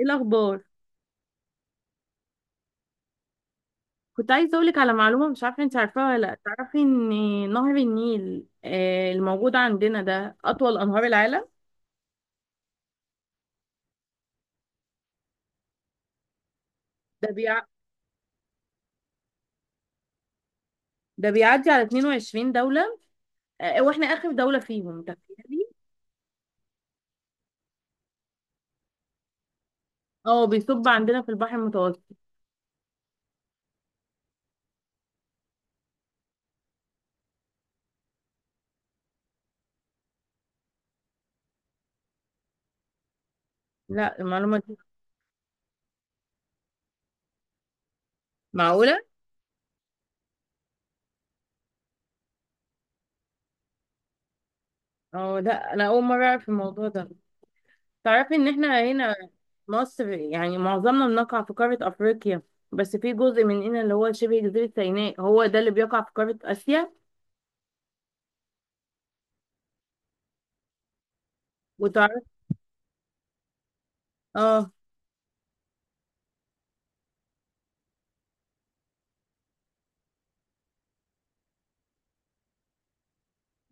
ايه الاخبار؟ كنت عايزه اقولك على معلومه، مش عارفه انت عارفاها ولا لا. تعرفي ان نهر النيل الموجود عندنا ده اطول انهار العالم. ده بيع... ده بيعدي على 22 دوله. واحنا اخر دوله فيهم، تخيلي. اه، بيصب عندنا في البحر المتوسط. لا، المعلومه دي معقوله؟ اه، لا انا اول مره اعرف الموضوع ده. تعرفي ان احنا هنا مصر، يعني معظمنا بنقع في قاره افريقيا، بس في جزء مننا اللي هو شبه جزيره سيناء هو ده اللي بيقع في قاره اسيا. وتعرف، اه،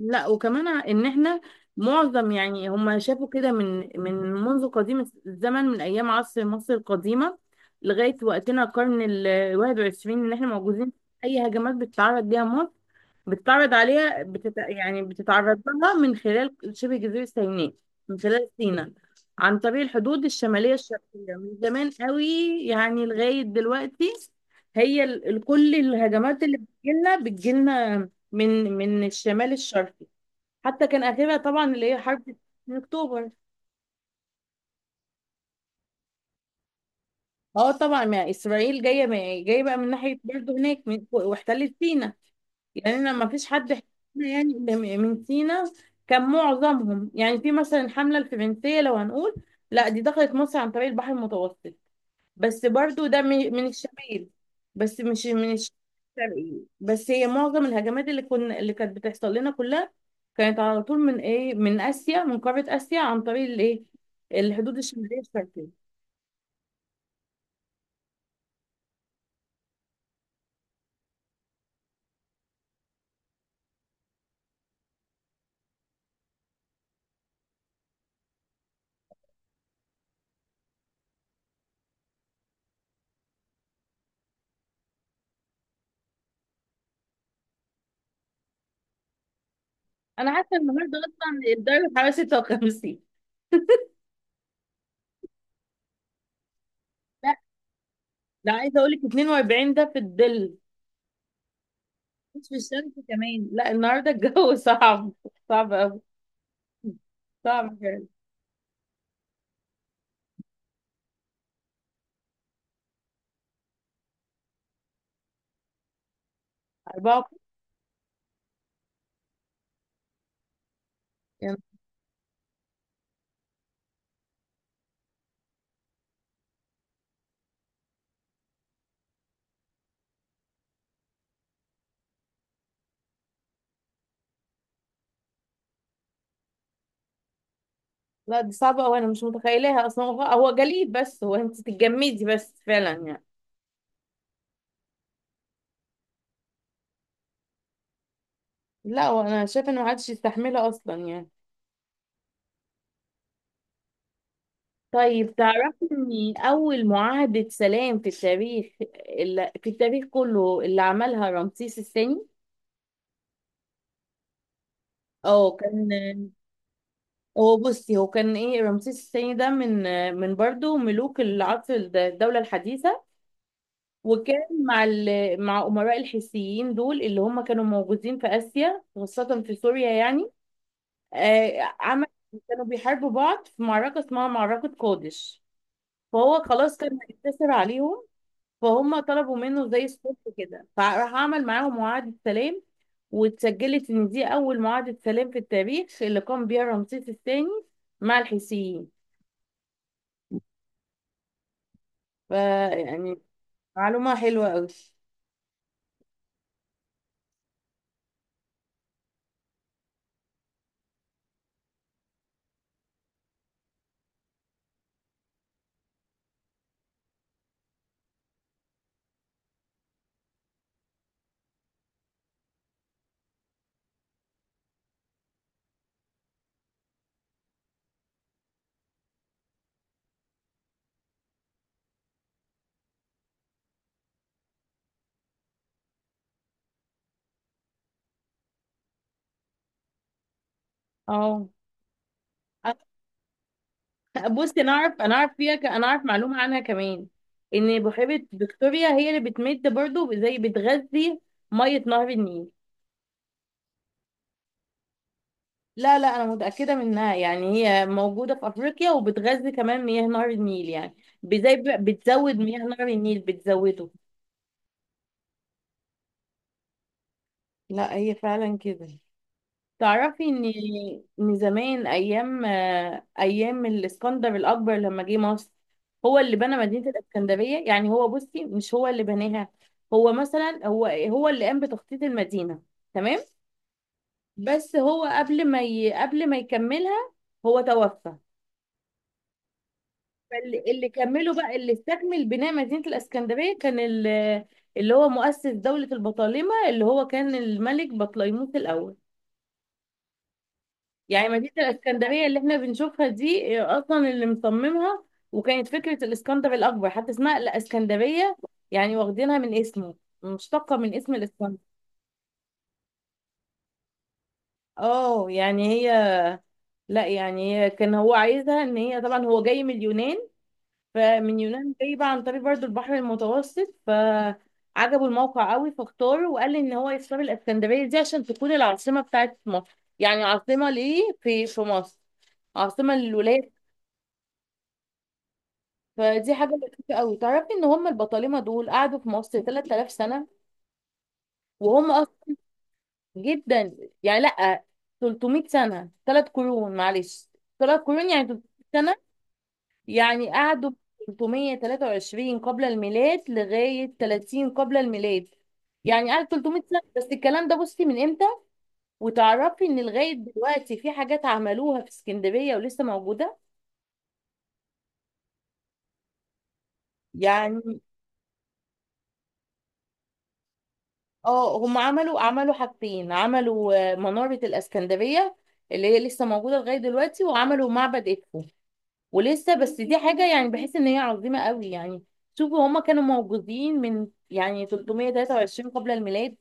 لا، وكمان ان احنا معظم، يعني هم شافوا كده من منذ قديم الزمن، من ايام عصر مصر القديمه لغايه وقتنا، القرن ال 21، ان احنا موجودين. اي هجمات بتتعرض ليها مصر بتتعرض عليها بتت... يعني بتتعرض لها من خلال شبه جزيره سيناء، من خلال سيناء، عن طريق الحدود الشماليه الشرقيه من زمان قوي، يعني لغايه دلوقتي. هي كل الهجمات اللي بتجيلنا من الشمال الشرقي. حتى كان اخرها طبعا اللي هي حرب من اكتوبر. اه، طبعا ما اسرائيل جايه، ما جايه بقى من ناحيه برضه هناك، من واحتلت سينا. يعني انا ما فيش حد احتلنا يعني إلا من سينا. كان معظمهم، يعني في مثلا الحمله الفرنسيه لو هنقول، لا دي دخلت مصر عن طريق البحر المتوسط، بس برضو ده من الشمال، بس مش من الشرقي. بس هي معظم الهجمات اللي كانت بتحصل لنا كلها، كانت على طول من ايه، من اسيا، من قاره اسيا، عن طريق الايه، الحدود الشماليه الشرقيه. انا حاسه النهارده اصلا الدرجه الحراريه 56. لا، ده عايزه اقول لك 42 ده في الظل، مش في الشمس. كمان، لا، النهارده الجو صعب، صعب قوي، صعب فعلا. 4. لا، دي صعبة أوي، أنا مش متخيلاها أصلا. هو جليد، بس هو أنت تتجمدي بس فعلا يعني. لا، وأنا شايفة إنه محدش يستحملها أصلا يعني. طيب تعرفي إن أول معاهدة سلام في التاريخ، اللي في التاريخ كله، اللي عملها رمسيس الثاني. أه، كان هو، بصي هو كان إيه، رمسيس الثاني ده من برضه ملوك العصر الدولة الحديثة، وكان مع مع أمراء الحيثيين دول اللي هم كانوا موجودين في آسيا، خاصة في سوريا يعني. عمل، كانوا بيحاربوا بعض في معركة اسمها معركة قادش، فهو خلاص كان هينتصر عليهم، فهم طلبوا منه زي الصلح كده، فراح عمل معاهم معاهدة سلام، واتسجلت ان دي اول معاهدة سلام في التاريخ، اللي قام بيها رمسيس الثاني مع الحيثيين. ف يعني معلومة حلوة قوي. اه، أ- بصي انا اعرف، انا اعرف معلومة عنها كمان. ان بحيرة فيكتوريا هي اللي بتمد برضو، زي بتغذي مية نهر النيل. لا، لا، انا متاكده منها، يعني هي موجوده في افريقيا وبتغذي كمان مياه نهر النيل، يعني زي بتزود مياه نهر النيل، بتزوده. لا، هي فعلا كده. تعرفي ان زمان، ايام الاسكندر الاكبر لما جه مصر، هو اللي بنى مدينه الاسكندريه. يعني هو، بصي مش هو اللي بناها، هو مثلا هو اللي قام بتخطيط المدينه، تمام، بس هو قبل ما يكملها هو توفى. فاللي كملوا بقى، اللي استكمل بناء مدينة الإسكندرية كان اللي هو مؤسس دولة البطالمة، اللي هو كان الملك بطليموس الأول. يعني مدينة الإسكندرية اللي احنا بنشوفها دي، أصلا اللي مصممها وكانت فكرة الإسكندر الأكبر، حتى اسمها الإسكندرية، يعني واخدينها من اسمه، مشتقة من اسم الإسكندر. اه، يعني هي لا يعني هي كان هو عايزها، ان هي طبعا هو جاي من اليونان، فمن يونان جاي بقى عن طريق برضو البحر المتوسط، فعجبه الموقع قوي فاختاره، وقال لي ان هو يختار الاسكندريه دي عشان تكون العاصمه بتاعت مصر، يعني عاصمه ليه في مصر، عاصمه للولايات. فدي حاجه لطيفه قوي. تعرفي ان هم البطالمه دول قعدوا في مصر 3000 سنه، وهم اصلا جدا، يعني لا، 300 سنه، ثلاث قرون، معلش ثلاث قرون يعني. 300، يعني قعدوا 323 قبل الميلاد لغاية 30 قبل الميلاد، يعني قعد 300 سنة بس. الكلام ده بصي من امتى! وتعرفي ان لغاية دلوقتي في حاجات عملوها في اسكندرية ولسه موجودة يعني. اه، هم عملوا حاجتين، عملوا منارة الاسكندرية، اللي هي لسه موجودة لغاية دلوقتي، وعملوا معبد إدفو ولسه. بس دي حاجة، يعني بحس ان هي عظيمة قوي يعني. شوفوا هما كانوا موجودين من يعني 323 قبل الميلاد،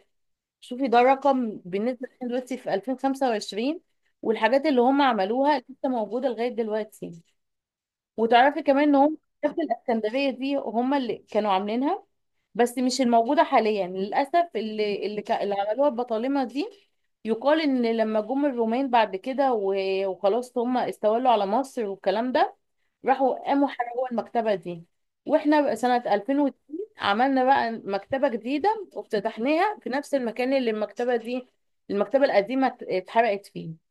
شوفي ده رقم بالنسبة لنا دلوقتي في 2025، والحاجات اللي هم عملوها لسه موجودة لغاية دلوقتي. وتعرفي كمان ان هم في الاسكندرية دي، هم اللي كانوا عاملينها، بس مش الموجودة حاليا للأسف. اللي عملوها البطالمة دي، يقال إن لما جم الرومان بعد كده وخلاص هم استولوا على مصر والكلام ده، راحوا قاموا حرقوا المكتبة دي، واحنا بقى سنة 2002 عملنا بقى مكتبة جديدة وافتتحناها في نفس المكان اللي المكتبة دي، المكتبة القديمة اتحرقت فيه.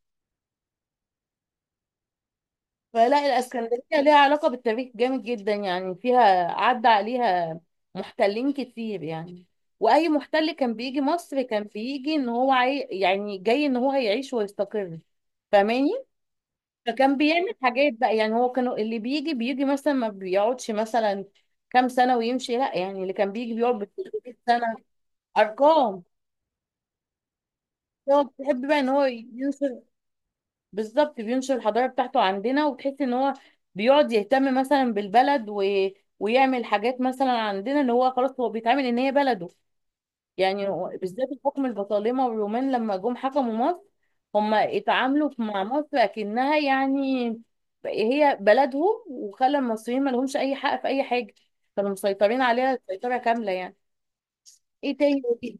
فلا، الاسكندريه ليها علاقه بالتاريخ جامد جدا يعني، فيها عدى عليها محتلين كتير يعني. واي محتل كان بيجي مصر كان بيجي ان هو يعني جاي ان هو هيعيش ويستقر، فاهماني، فكان بيعمل حاجات بقى. يعني هو كانوا اللي بيجي، مثلا ما بيقعدش مثلا كام سنه ويمشي، لا يعني اللي كان بيجي بيقعد بال 300 سنه، ارقام. هو بيحب بقى ان هو ينشر، بالظبط، بينشر الحضارة بتاعته عندنا. وتحس ان هو بيقعد يهتم مثلا بالبلد و... ويعمل حاجات مثلا عندنا، اللي هو خلاص هو بيتعامل ان هي بلده. يعني بالذات الحكم البطالمة والرومان لما جم حكموا مصر، هم اتعاملوا مع مصر اكنها، يعني هي بلدهم، وخلى المصريين ما لهمش اي حق في اي حاجة، كانوا مسيطرين عليها سيطرة كاملة يعني. ايه تاني إيه؟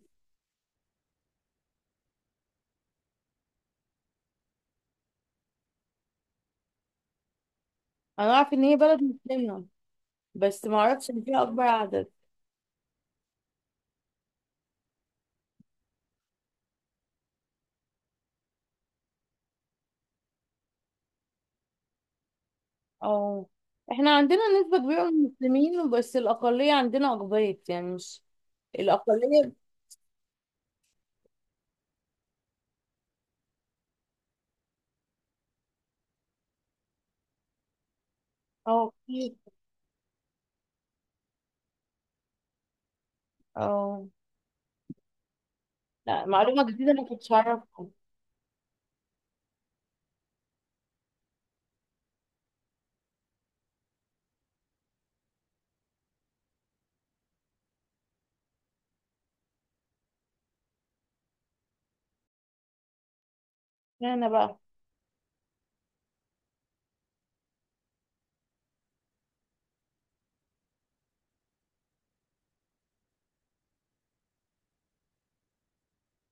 انا اعرف ان هي بلد مسلمة، بس ما اعرفش ان فيها اكبر عدد. اه، احنا عندنا نسبة كبيرة من المسلمين، بس الأقلية عندنا أقباط، يعني مش الأقلية. اه، كتير. اه، لا معلومة جديدة ما كنتش أعرفها. اشمعنى بقى؟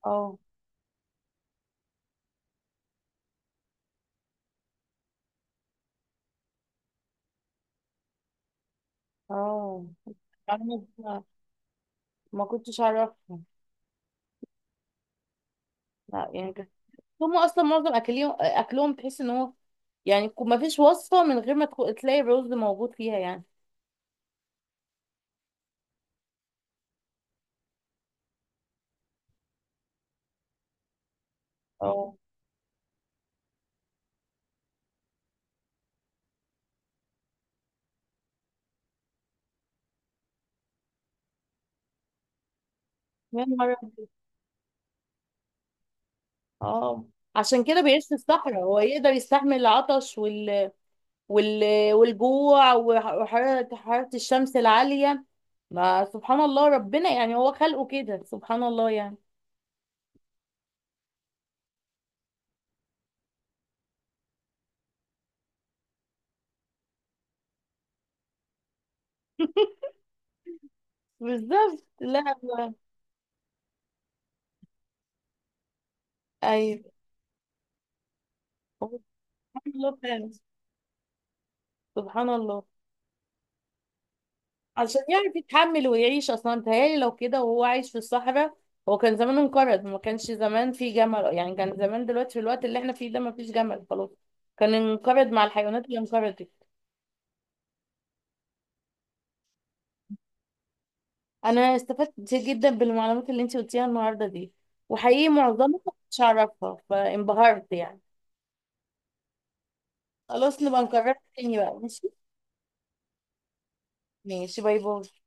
اه. اه، معلومة جديدة ما كنتش أعرفها. لا يعني كده. هم أصلا معظم أكلهم، أكلهم تحس إن هو، يعني ما فيش وصفة من غير ما تلاقي الرز موجود فيها يعني. اه، يا نهار أبيض. اه، عشان كده بيعيش في الصحراء، هو يقدر يستحمل العطش والجوع وحرارة الشمس العالية. ما سبحان الله، ربنا يعني هو خلقه كده، سبحان الله يعني. بالظبط، لا ايوه. هو سبحان الله فعلا، سبحان الله. عشان يعرف يتحمل ويعيش اصلا. متهيألي لو كده وهو عايش في الصحراء هو كان زمان انقرض، ما كانش زمان في جمل يعني، كان زمان دلوقتي في الوقت اللي احنا فيه ده ما فيش جمل خلاص، كان انقرض مع الحيوانات اللي انقرضت. انا استفدت كتير جدا بالمعلومات اللي انت قلتيها النهارده دي، وحقيقي معظمها مش هعرفها فانبهرت يعني. خلاص نبقى نكررها تاني بقى، ماشي. ماشي، باي باي.